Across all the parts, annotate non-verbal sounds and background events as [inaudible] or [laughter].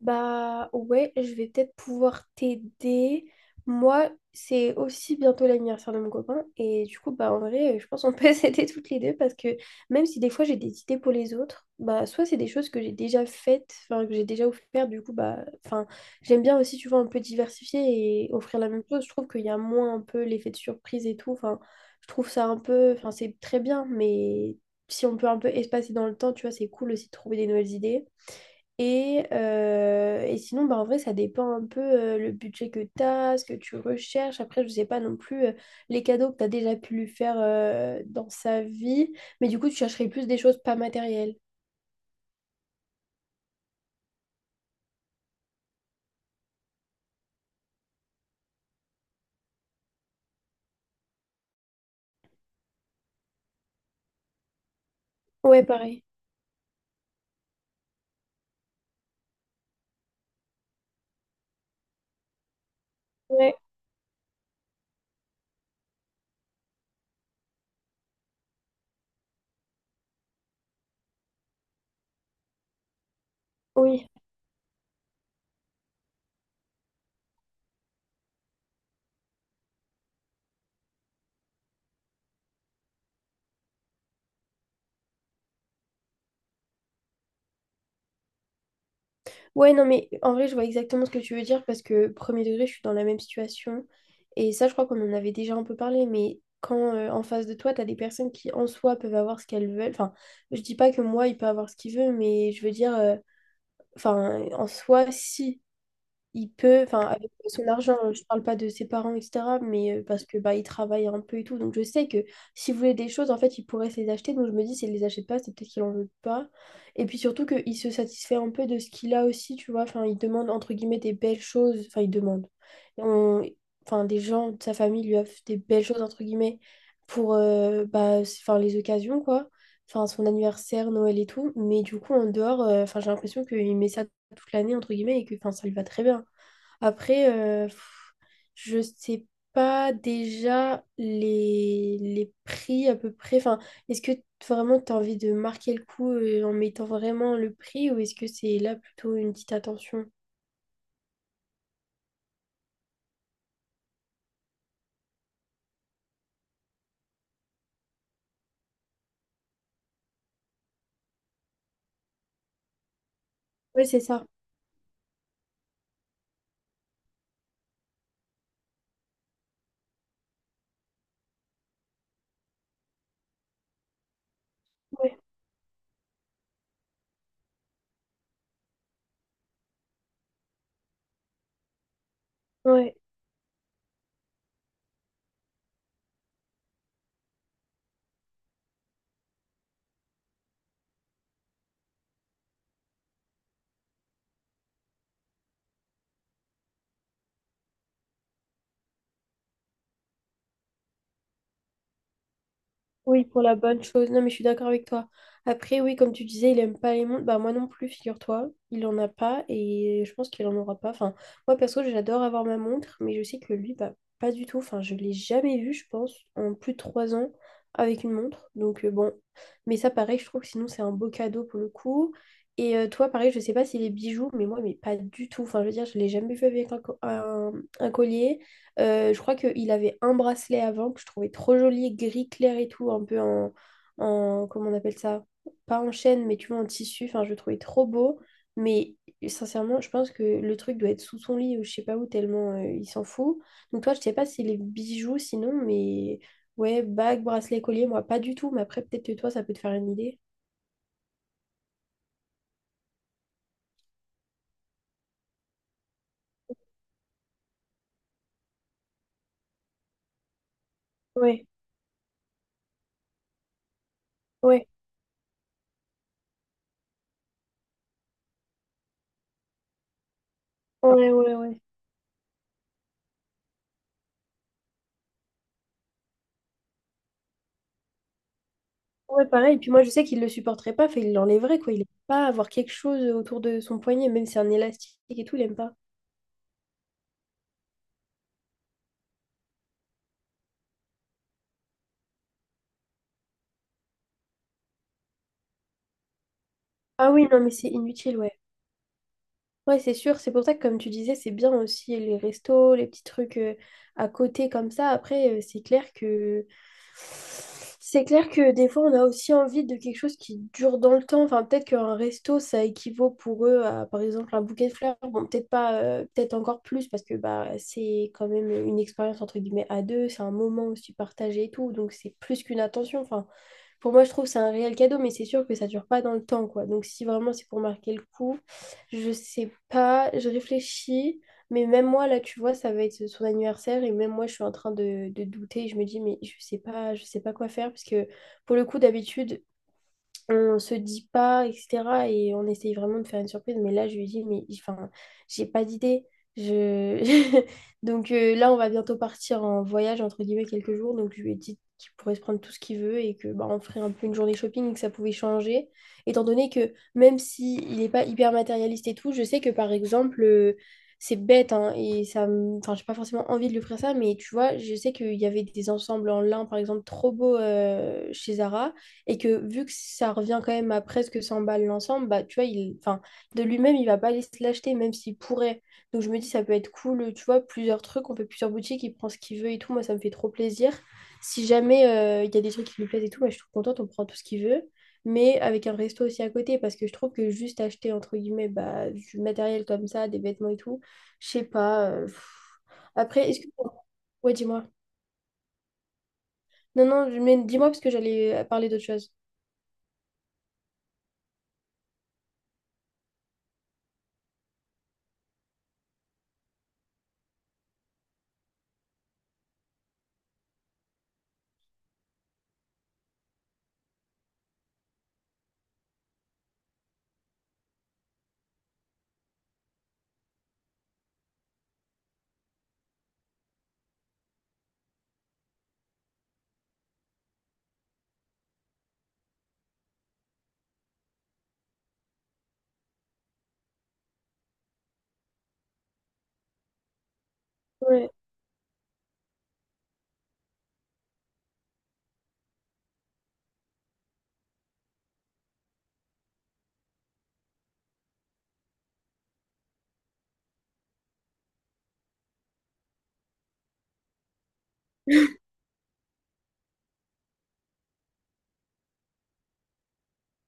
Bah ouais, je vais peut-être pouvoir t'aider. Moi, c'est aussi bientôt l'anniversaire de mon copain. Et du coup, bah en vrai, je pense qu'on peut [laughs] s'aider toutes les deux parce que même si des fois j'ai des idées pour les autres, bah soit c'est des choses que j'ai déjà faites, enfin que j'ai déjà offert, du coup, bah, enfin, j'aime bien aussi, tu vois, un peu diversifier et offrir la même chose. Je trouve qu'il y a moins un peu l'effet de surprise et tout. Enfin, je trouve ça un peu, enfin, c'est très bien, mais si on peut un peu espacer dans le temps, tu vois, c'est cool aussi de trouver des nouvelles idées. Et sinon, bah, en vrai, ça dépend un peu le budget que tu as, ce que tu recherches. Après, je sais pas non plus les cadeaux que tu as déjà pu lui faire dans sa vie. Mais du coup, tu chercherais plus des choses pas matérielles. Ouais, pareil. Ouais, oui. Ouais, non, mais en vrai, je vois exactement ce que tu veux dire parce que premier degré, je suis dans la même situation. Et ça, je crois qu'on en avait déjà un peu parlé. Mais quand en face de toi, tu as des personnes qui, en soi, peuvent avoir ce qu'elles veulent. Enfin, je dis pas que moi, il peut avoir ce qu'il veut, mais je veux dire. Enfin, en soi, si, il peut, enfin, avec son argent, je parle pas de ses parents, etc., mais parce que bah, il travaille un peu et tout. Donc, je sais que s'il voulait des choses, en fait, il pourrait se les acheter. Donc, je me dis, s'il les achète pas, c'est peut-être qu'il en veut pas. Et puis surtout qu'il se satisfait un peu de ce qu'il a aussi, tu vois. Enfin, il demande, entre guillemets, des belles choses. Enfin, il demande. On- Enfin, des gens de sa famille lui offrent des belles choses, entre guillemets, pour bah, enfin, les occasions, quoi enfin son anniversaire, Noël et tout, mais du coup en dehors, enfin j'ai l'impression qu'il met ça toute l'année, entre guillemets, et que enfin, ça lui va très bien. Après, je sais pas déjà les prix à peu près. Enfin, est-ce que vraiment tu as envie de marquer le coup en mettant vraiment le prix ou est-ce que c'est là plutôt une petite attention? Ouais, c'est ça. Ouais, ouais. Oui, pour la bonne chose. Non, mais je suis d'accord avec toi. Après, oui, comme tu disais, il aime pas les montres. Bah, moi non plus, figure-toi. Il en a pas et je pense qu'il en aura pas. Enfin, moi perso, j'adore avoir ma montre, mais je sais que lui, bah, pas du tout. Enfin, je l'ai jamais vu, je pense, en plus de 3 ans avec une montre. Donc, bon. Mais ça, pareil, je trouve que sinon, c'est un beau cadeau pour le coup. Et toi, pareil, je sais pas si les bijoux, mais moi, mais pas du tout. Enfin, je veux dire, je l'ai jamais vu avec un, co- un collier. Je crois qu'il avait un bracelet avant que je trouvais trop joli, gris clair et tout, un peu en, comment on appelle ça? Pas en chaîne, mais tu vois, en tissu. Enfin, je le trouvais trop beau. Mais sincèrement, je pense que le truc doit être sous son lit ou je sais pas où, tellement il s'en fout. Donc toi, je sais pas si les bijoux sinon, mais ouais, bague, bracelet, collier, moi pas du tout. Mais après, peut-être que toi, ça peut te faire une idée. Ouais, ouais, ouais, ouais, ouais. Ouais, pareil. Et puis moi, je sais qu'il le supporterait pas, fait, il l'enlèverait, quoi. Il aime pas avoir quelque chose autour de son poignet, même si c'est un élastique et tout, il aime pas. Ah oui, non, mais c'est inutile, ouais. Ouais, c'est sûr. C'est pour ça que, comme tu disais, c'est bien aussi les restos, les petits trucs à côté comme ça. Après, c'est clair que... C'est clair que des fois, on a aussi envie de quelque chose qui dure dans le temps. Enfin, peut-être qu'un resto, ça équivaut pour eux à, par exemple, un bouquet de fleurs. Bon, peut-être pas, peut-être encore plus, parce que bah, c'est quand même une expérience, entre guillemets, à deux. C'est un moment aussi partagé et tout. Donc, c'est plus qu'une attention. Enfin, pour moi, je trouve que c'est un réel cadeau, mais c'est sûr que ça dure pas dans le temps, quoi. Donc, si vraiment c'est pour marquer le coup, je sais pas, je réfléchis, mais même moi, là, tu vois, ça va être son anniversaire, et même moi, je suis en train de douter, je me dis, mais je sais pas quoi faire, parce que pour le coup, d'habitude, on se dit pas, etc. Et on essaye vraiment de faire une surprise. Mais là, je lui dis, mais enfin, j'ai pas d'idée. Je... [laughs] Donc là, on va bientôt partir en voyage, entre guillemets, quelques jours. Donc je lui ai dit qu'il pourrait se prendre tout ce qu'il veut et que bah, on ferait un peu une journée shopping, et que ça pouvait changer. Étant donné que même s'il n'est pas hyper matérialiste et tout, je sais que par exemple, c'est bête, hein, et ça me... enfin, j'ai pas forcément envie de lui offrir ça, mais tu vois, je sais qu'il y avait des ensembles en lin, par exemple, trop beaux chez Zara et que vu que ça revient quand même à presque 100 balles l'ensemble, bah, tu vois, il, enfin, de lui-même, il va pas aller se l'acheter, même s'il pourrait. Donc je me dis, ça peut être cool, tu vois, plusieurs trucs, on fait plusieurs boutiques, il prend ce qu'il veut et tout, moi, ça me fait trop plaisir. Si jamais il y a des trucs qui lui plaisent et tout, moi, je suis trop contente, on prend tout ce qu'il veut, mais avec un resto aussi à côté, parce que je trouve que juste acheter, entre guillemets, bah, du matériel comme ça, des vêtements et tout, je sais pas. Pff. Après, est-ce que... Ouais, dis-moi. Non, non, mais dis-moi parce que j'allais parler d'autre chose. Ouais.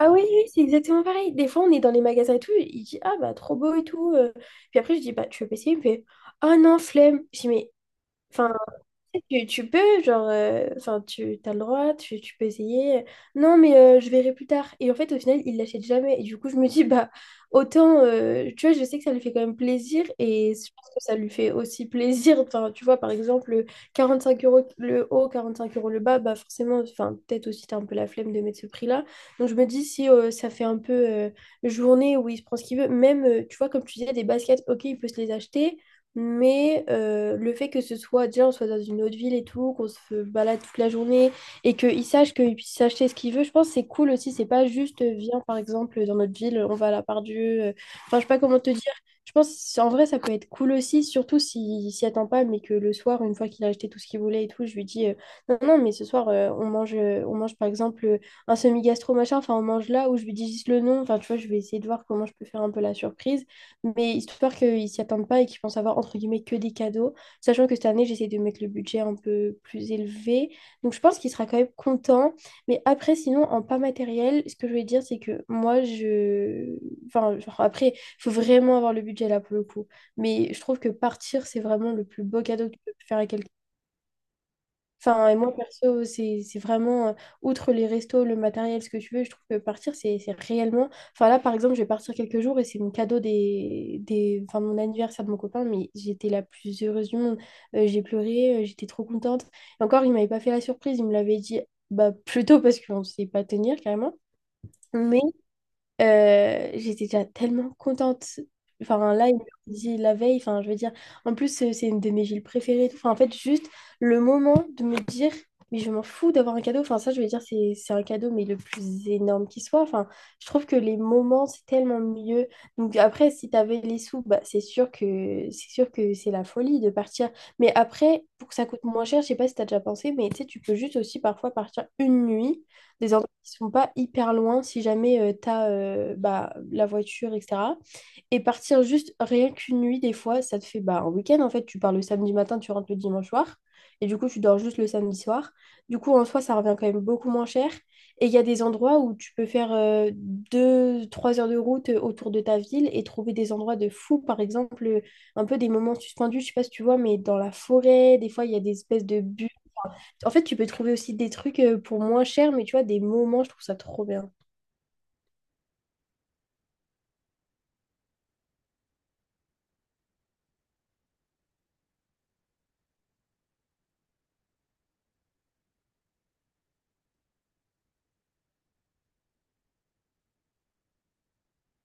Ah oui, oui, c'est exactement pareil. Des fois, on est dans les magasins et tout, il dit «Ah bah trop beau et tout». Puis après, je dis «Bah tu veux essayer?» Il me fait «Ah non, flemme». Je dis «Mais, enfin, tu peux, genre, enfin, tu as le droit, tu peux essayer. Non, mais je verrai plus tard. Et en fait, au final, il l'achète jamais. Et du coup, je me dis, [laughs] bah, autant, tu vois, je sais que ça lui fait quand même plaisir et je pense que ça lui fait aussi plaisir. Enfin, tu vois, par exemple, 45 euros le haut, 45 euros le bas, bah, forcément, enfin, peut-être aussi, t'as un peu la flemme de mettre ce prix-là. Donc, je me dis, si ça fait un peu journée où il se prend ce qu'il veut, même, tu vois, comme tu disais, des baskets, ok, il peut se les acheter. Mais le fait que ce soit, déjà, on soit dans une autre ville et tout, qu'on se balade toute la journée et qu'il sache qu'il puisse acheter ce qu'il veut, je pense que c'est cool aussi. C'est pas juste, viens, par exemple, dans notre ville, on va à la Part Dieu. Enfin, je sais pas comment te dire. Je pense, c'est- en vrai, ça peut être cool aussi, surtout s'il s'y attend pas, mais que le soir, une fois qu'il a acheté tout ce qu'il voulait et tout, je lui dis, non, non, mais ce soir, on mange, par exemple, un semi-gastro, machin. Enfin, on mange là où je lui dis juste le nom. Enfin, tu vois, je vais essayer de voir comment je peux faire un peu la surprise mais histoire qu'ils s'y attendent pas et qu'ils pensent avoir entre guillemets que des cadeaux, sachant que cette année j'essaie de mettre le budget un peu plus élevé, donc je pense qu'il sera quand même content, mais après sinon en pas matériel, ce que je voulais dire c'est que moi je, enfin genre, après il faut vraiment avoir le budget là pour le coup, mais je trouve que partir c'est vraiment le plus beau cadeau que tu peux faire à quelqu'un. Enfin, et moi, perso, c'est vraiment, outre les restos, le matériel, ce que tu veux, je trouve que partir, c'est réellement... Enfin, là, par exemple, je vais partir quelques jours et c'est mon cadeau Enfin, mon anniversaire de mon copain, mais j'étais la plus heureuse du monde. J'ai pleuré, j'étais trop contente. Et encore, il m'avait pas fait la surprise, il me l'avait dit bah, plutôt parce qu'on ne sait pas tenir, carrément. J'étais déjà tellement contente. Enfin, là, il me dit la veille, enfin, je veux dire, en plus, c'est une de mes villes préférées. Et tout. Enfin, en fait, juste le moment de me dire, mais je m'en fous d'avoir un cadeau. Enfin, ça, je veux dire, c'est un cadeau, mais le plus énorme qui soit. Enfin, je trouve que les moments, c'est tellement mieux. Donc, après, si t'avais les sous, bah, c'est sûr que c'est sûr que c'est la folie de partir. Mais après, pour que ça coûte moins cher, je sais pas si t'as déjà pensé, mais tu sais, tu peux juste aussi parfois partir une nuit des endroits qui sont pas hyper loin si jamais tu as bah, la voiture, etc. Et partir juste rien qu'une nuit, des fois, ça te fait bah, un week-end en fait. Tu pars le samedi matin, tu rentres le dimanche soir. Et du coup, tu dors juste le samedi soir. Du coup, en soi, ça revient quand même beaucoup moins cher. Et il y a des endroits où tu peux faire 2, 3 heures de route autour de ta ville et trouver des endroits de fou. Par exemple, un peu des moments suspendus, je sais pas si tu vois, mais dans la forêt, des fois, il y a des espèces de en fait, tu peux trouver aussi des trucs pour moins cher, mais tu vois, des moments, je trouve ça trop bien.